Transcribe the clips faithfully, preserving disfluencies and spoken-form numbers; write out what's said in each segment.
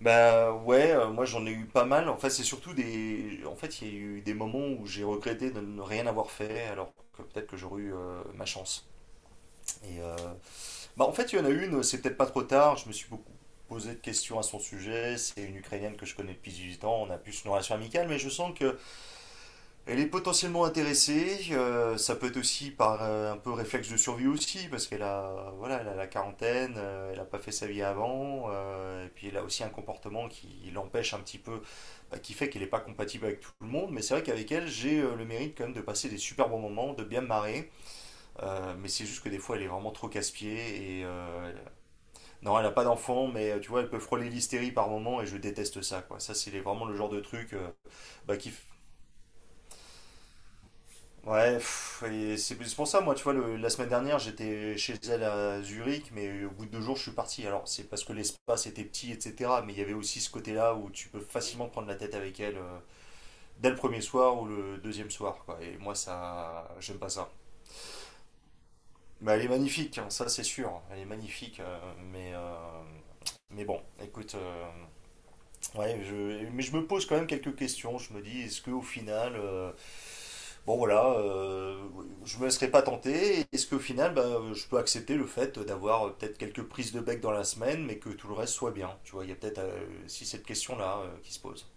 Bah ouais, euh, moi j'en ai eu pas mal. En fait, c'est surtout des. En fait, il y a eu des moments où j'ai regretté de ne rien avoir fait, alors que peut-être que j'aurais eu euh, ma chance. Et euh, bah en fait, il y en a une. euh, C'est peut-être pas trop tard. Je me suis beaucoup posé de questions à son sujet. C'est une Ukrainienne que je connais depuis dix-huit ans. On a plus une relation amicale, mais je sens que elle est potentiellement intéressée. Euh, ça peut être aussi par euh, un peu réflexe de survie aussi, parce qu'elle a voilà, elle a la quarantaine. Euh, elle a pas fait sa vie avant. Euh, et puis elle a aussi un comportement qui l'empêche un petit peu bah, qui fait qu'elle n'est pas compatible avec tout le monde, mais c'est vrai qu'avec elle, j'ai euh, le mérite quand même de passer des super bons moments, de bien me marrer, euh, mais c'est juste que des fois, elle est vraiment trop casse-pied, et euh, non, elle n'a pas d'enfant, mais euh, tu vois, elle peut frôler l'hystérie par moment, et je déteste ça, quoi. Ça, c'est vraiment le genre de truc euh, bah, qui... Ouais, pff, et c'est pour ça, moi, tu vois, le- la semaine dernière, j'étais chez elle à Zurich, mais euh, au bout de deux jours, je suis parti. Alors, c'est parce que l'espace était petit, et cetera, mais il y avait aussi ce côté-là où tu peux facilement te prendre la tête avec elle. Euh, dès le premier soir ou le deuxième soir. Quoi. Et moi, ça, j'aime pas ça. Mais elle est magnifique, hein, ça c'est sûr. Elle est magnifique, euh, mais euh, mais bon, écoute, euh, ouais, je, mais je me pose quand même quelques questions. Je me dis, est-ce que au final, euh, bon voilà, euh, je me laisserai pas tenter. Est-ce qu'au final, bah, je peux accepter le fait d'avoir euh, peut-être quelques prises de bec dans la semaine, mais que tout le reste soit bien. Tu vois, il y a peut-être euh, si cette question-là euh, qui se pose.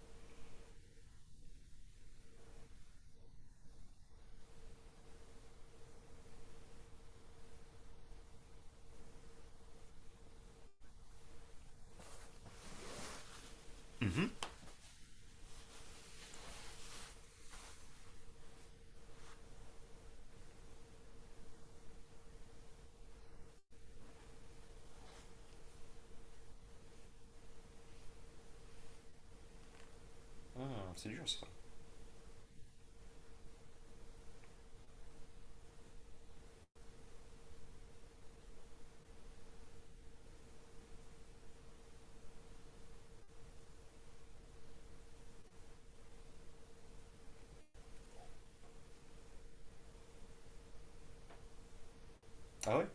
Mhm. Hmm, c'est dur ça. Ah ouais?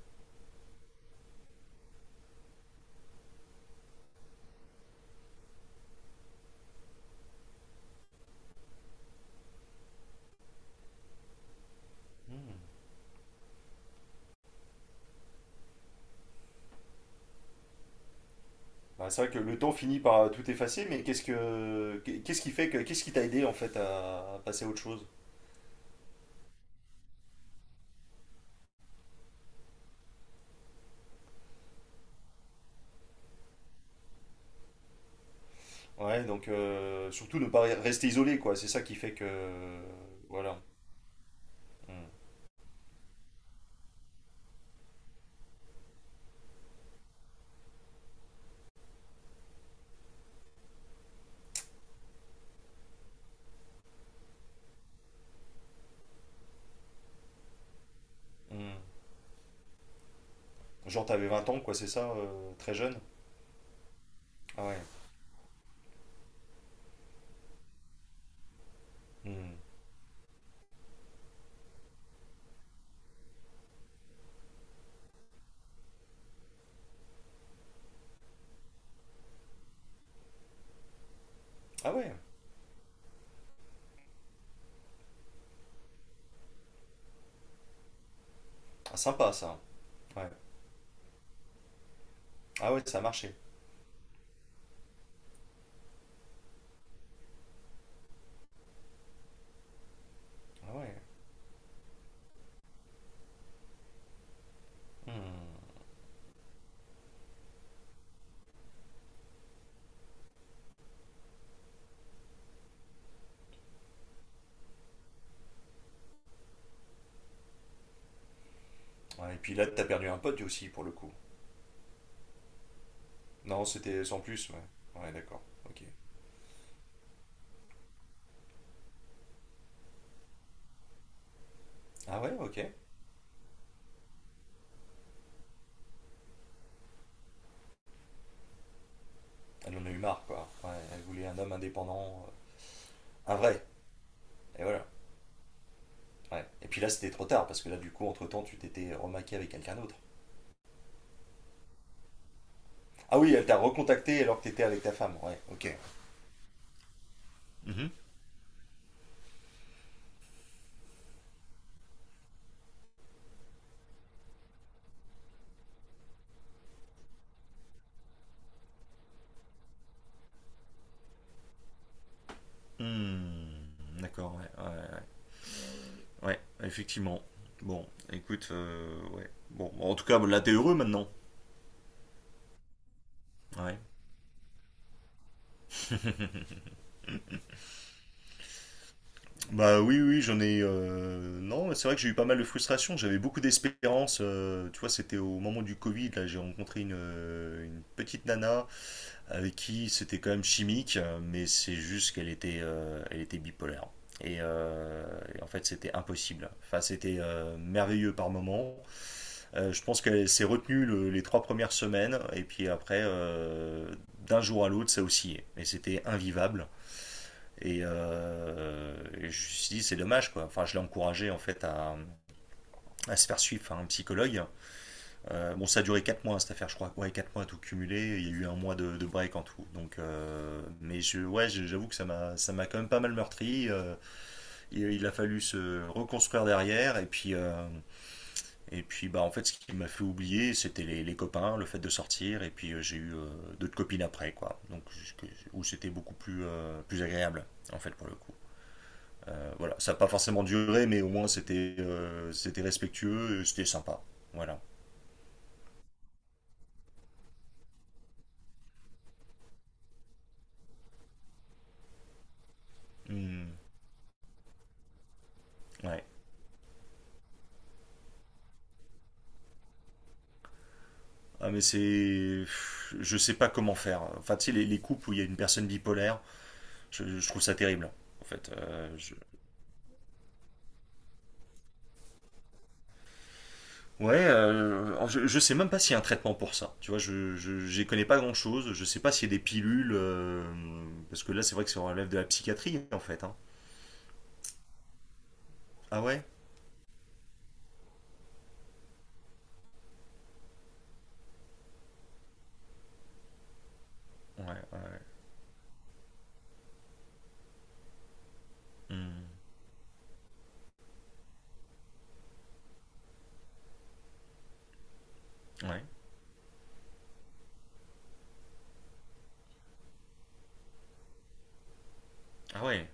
Hmm. Bah, c'est vrai que le temps finit par tout effacer, mais qu'est-ce que qu'est-ce qui fait que qu'est-ce qui t'a aidé en fait à passer à autre chose? Ouais, donc euh, surtout ne pas rester isolé quoi, c'est ça qui fait que voilà. Mm. Mm. Genre t'avais vingt ans quoi, c'est ça, euh, très jeune. Ah ouais. Mm. Ah ouais. Ah, sympa ça. Ouais. Ah ouais, ça a marché. Ah ouais. Hmm. Ouais, et puis là t'as perdu un pote aussi pour le coup. Non, c'était sans plus, ouais. Ouais, d'accord. OK. Ah ouais, OK. Elle en a eu marre quoi. Ouais, elle voulait un homme indépendant, euh, un vrai. Et voilà. Ouais. Et puis là, c'était trop tard parce que là, du coup, entre temps, tu t'étais remaqué avec quelqu'un d'autre. Ah oui, elle t'a recontacté alors que t'étais avec ta femme. Ouais, ok. Mhm. Hmm, d'accord, ouais, ouais, ouais, ouais, effectivement. Bon, écoute, euh, ouais. Bon, en tout cas, là, t'es heureux maintenant. Ouais. Bah oui, oui, j'en ai. Euh, Non, c'est vrai que j'ai eu pas mal de frustration. J'avais beaucoup d'espérance. Euh, tu vois, c'était au moment du Covid. Là, j'ai rencontré une, euh, une petite nana avec qui c'était quand même chimique, mais c'est juste qu'elle était, euh, elle était bipolaire. Et, euh, et en fait, c'était impossible. Enfin, c'était euh, merveilleux par moment. Euh, je pense qu'elle s'est retenue le- les trois premières semaines, et puis après, euh, d'un jour à l'autre, ça oscillait. Et c'était invivable. Et, euh, et je me suis dit, c'est dommage, quoi. Enfin, je l'ai encouragée, en fait, à, à se faire suivre par un psychologue. Euh, bon, ça a duré quatre mois cette affaire, je crois. Ouais, quatre mois à tout cumulé. Il y a eu un mois de, de break en tout. Donc, euh, mais je, ouais, je- j'avoue que ça m'a, ça m'a quand même pas mal meurtri. Euh, et il a fallu se reconstruire derrière. Et puis, euh, et puis, bah, en fait, ce qui m'a fait oublier, c'était les, les copains, le fait de sortir. Et puis, euh, j'ai eu euh, d'autres copines après, quoi. Donc, je- que- où c'était beaucoup plus, euh, plus agréable, en fait, pour le coup. Euh, voilà, ça n'a pas forcément duré, mais au moins c'était, euh, c'était respectueux, et c'était sympa. Voilà. Hmm. Ouais. Ah, mais c'est. Je sais pas comment faire. Enfin, tu sais, les, les couples où il y a une personne bipolaire, je, je trouve ça terrible. En fait, Euh, je- ouais, euh, je, je sais même pas s'il y a un traitement pour ça. Tu vois, je, je, j'y connais pas grand chose. Je sais pas s'il y a des pilules. Euh, parce que là, c'est vrai que ça relève de la psychiatrie, en fait. Hein. Ah ouais? Ouais, ouais, ouais. Hmm. Ouais. Ah ouais.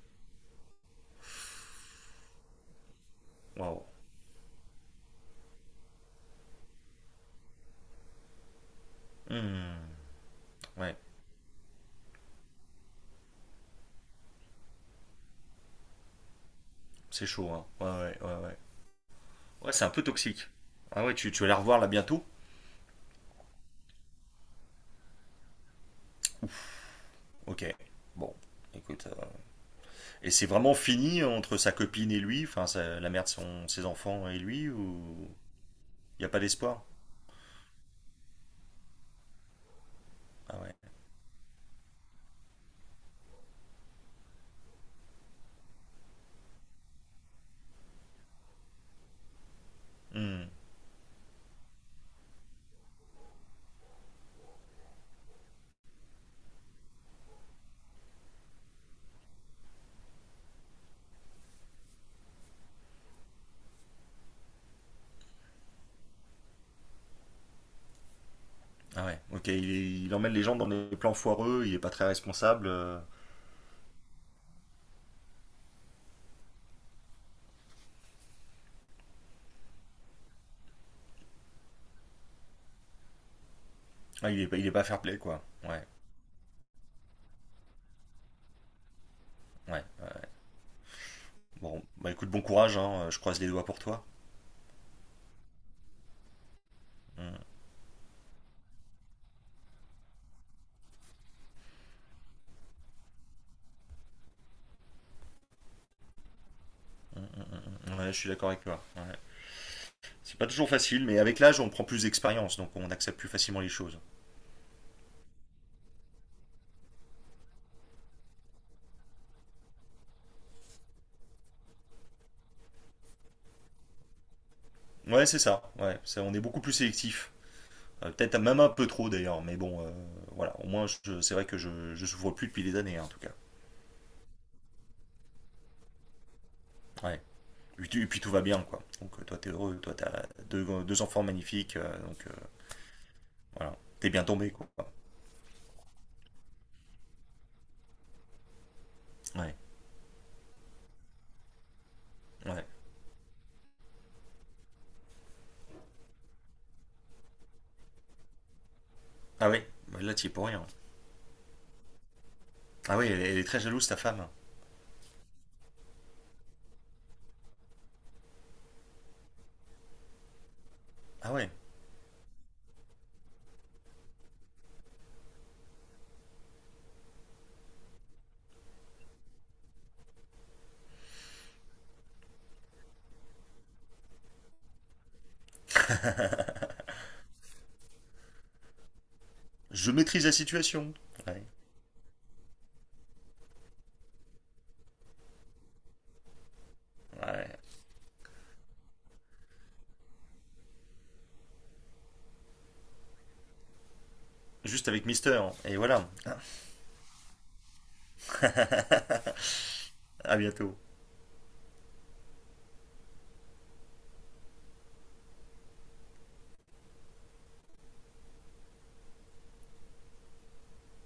Waouh. Hmm. Ouais, c'est chaud, hein. Ouais, ouais, ouais, ouais. Ouais, c'est un peu toxique. Ah ouais, tu, tu vas la revoir là bientôt? Ok. Bon, écoute. euh, Et c'est vraiment fini entre sa copine et lui, enfin sa- la mère de son, ses enfants et lui, ou il n'y a pas d'espoir? Ah ouais. Hmm. Ah ouais. Ok, il, est- il emmène les gens dans des plans foireux, il est pas très responsable. Euh. Ah, il est, pas- il est pas fair-play quoi. Ouais, ouais. Bon, bah écoute, bon courage, hein, euh, je croise les doigts pour toi. Hmm. Ouais, je suis d'accord avec toi. Ouais. C'est pas toujours facile, mais avec l'âge, on prend plus d'expérience, donc on accepte plus facilement les choses. Ouais, c'est ça. Ouais, ça, on est beaucoup plus sélectif. Euh, Peut-être même un peu trop d'ailleurs, mais bon, euh, voilà. Au moins, je- c'est vrai que je, je souffre plus depuis des années, hein, en tout cas. Ouais. Et puis, et puis tout va bien, quoi. Donc euh, toi, t'es heureux, toi, t'as deux, deux enfants magnifiques, euh, donc euh, voilà. T'es bien tombé, quoi. Ouais, ouais. Ah ouais, bah là, t'y es pour rien. Ah ouais, elle, elle est très jalouse, ta femme. Ah ouais, je maîtrise la situation. Ouais, ouais. Juste avec Mister, hein. Et voilà. À bientôt.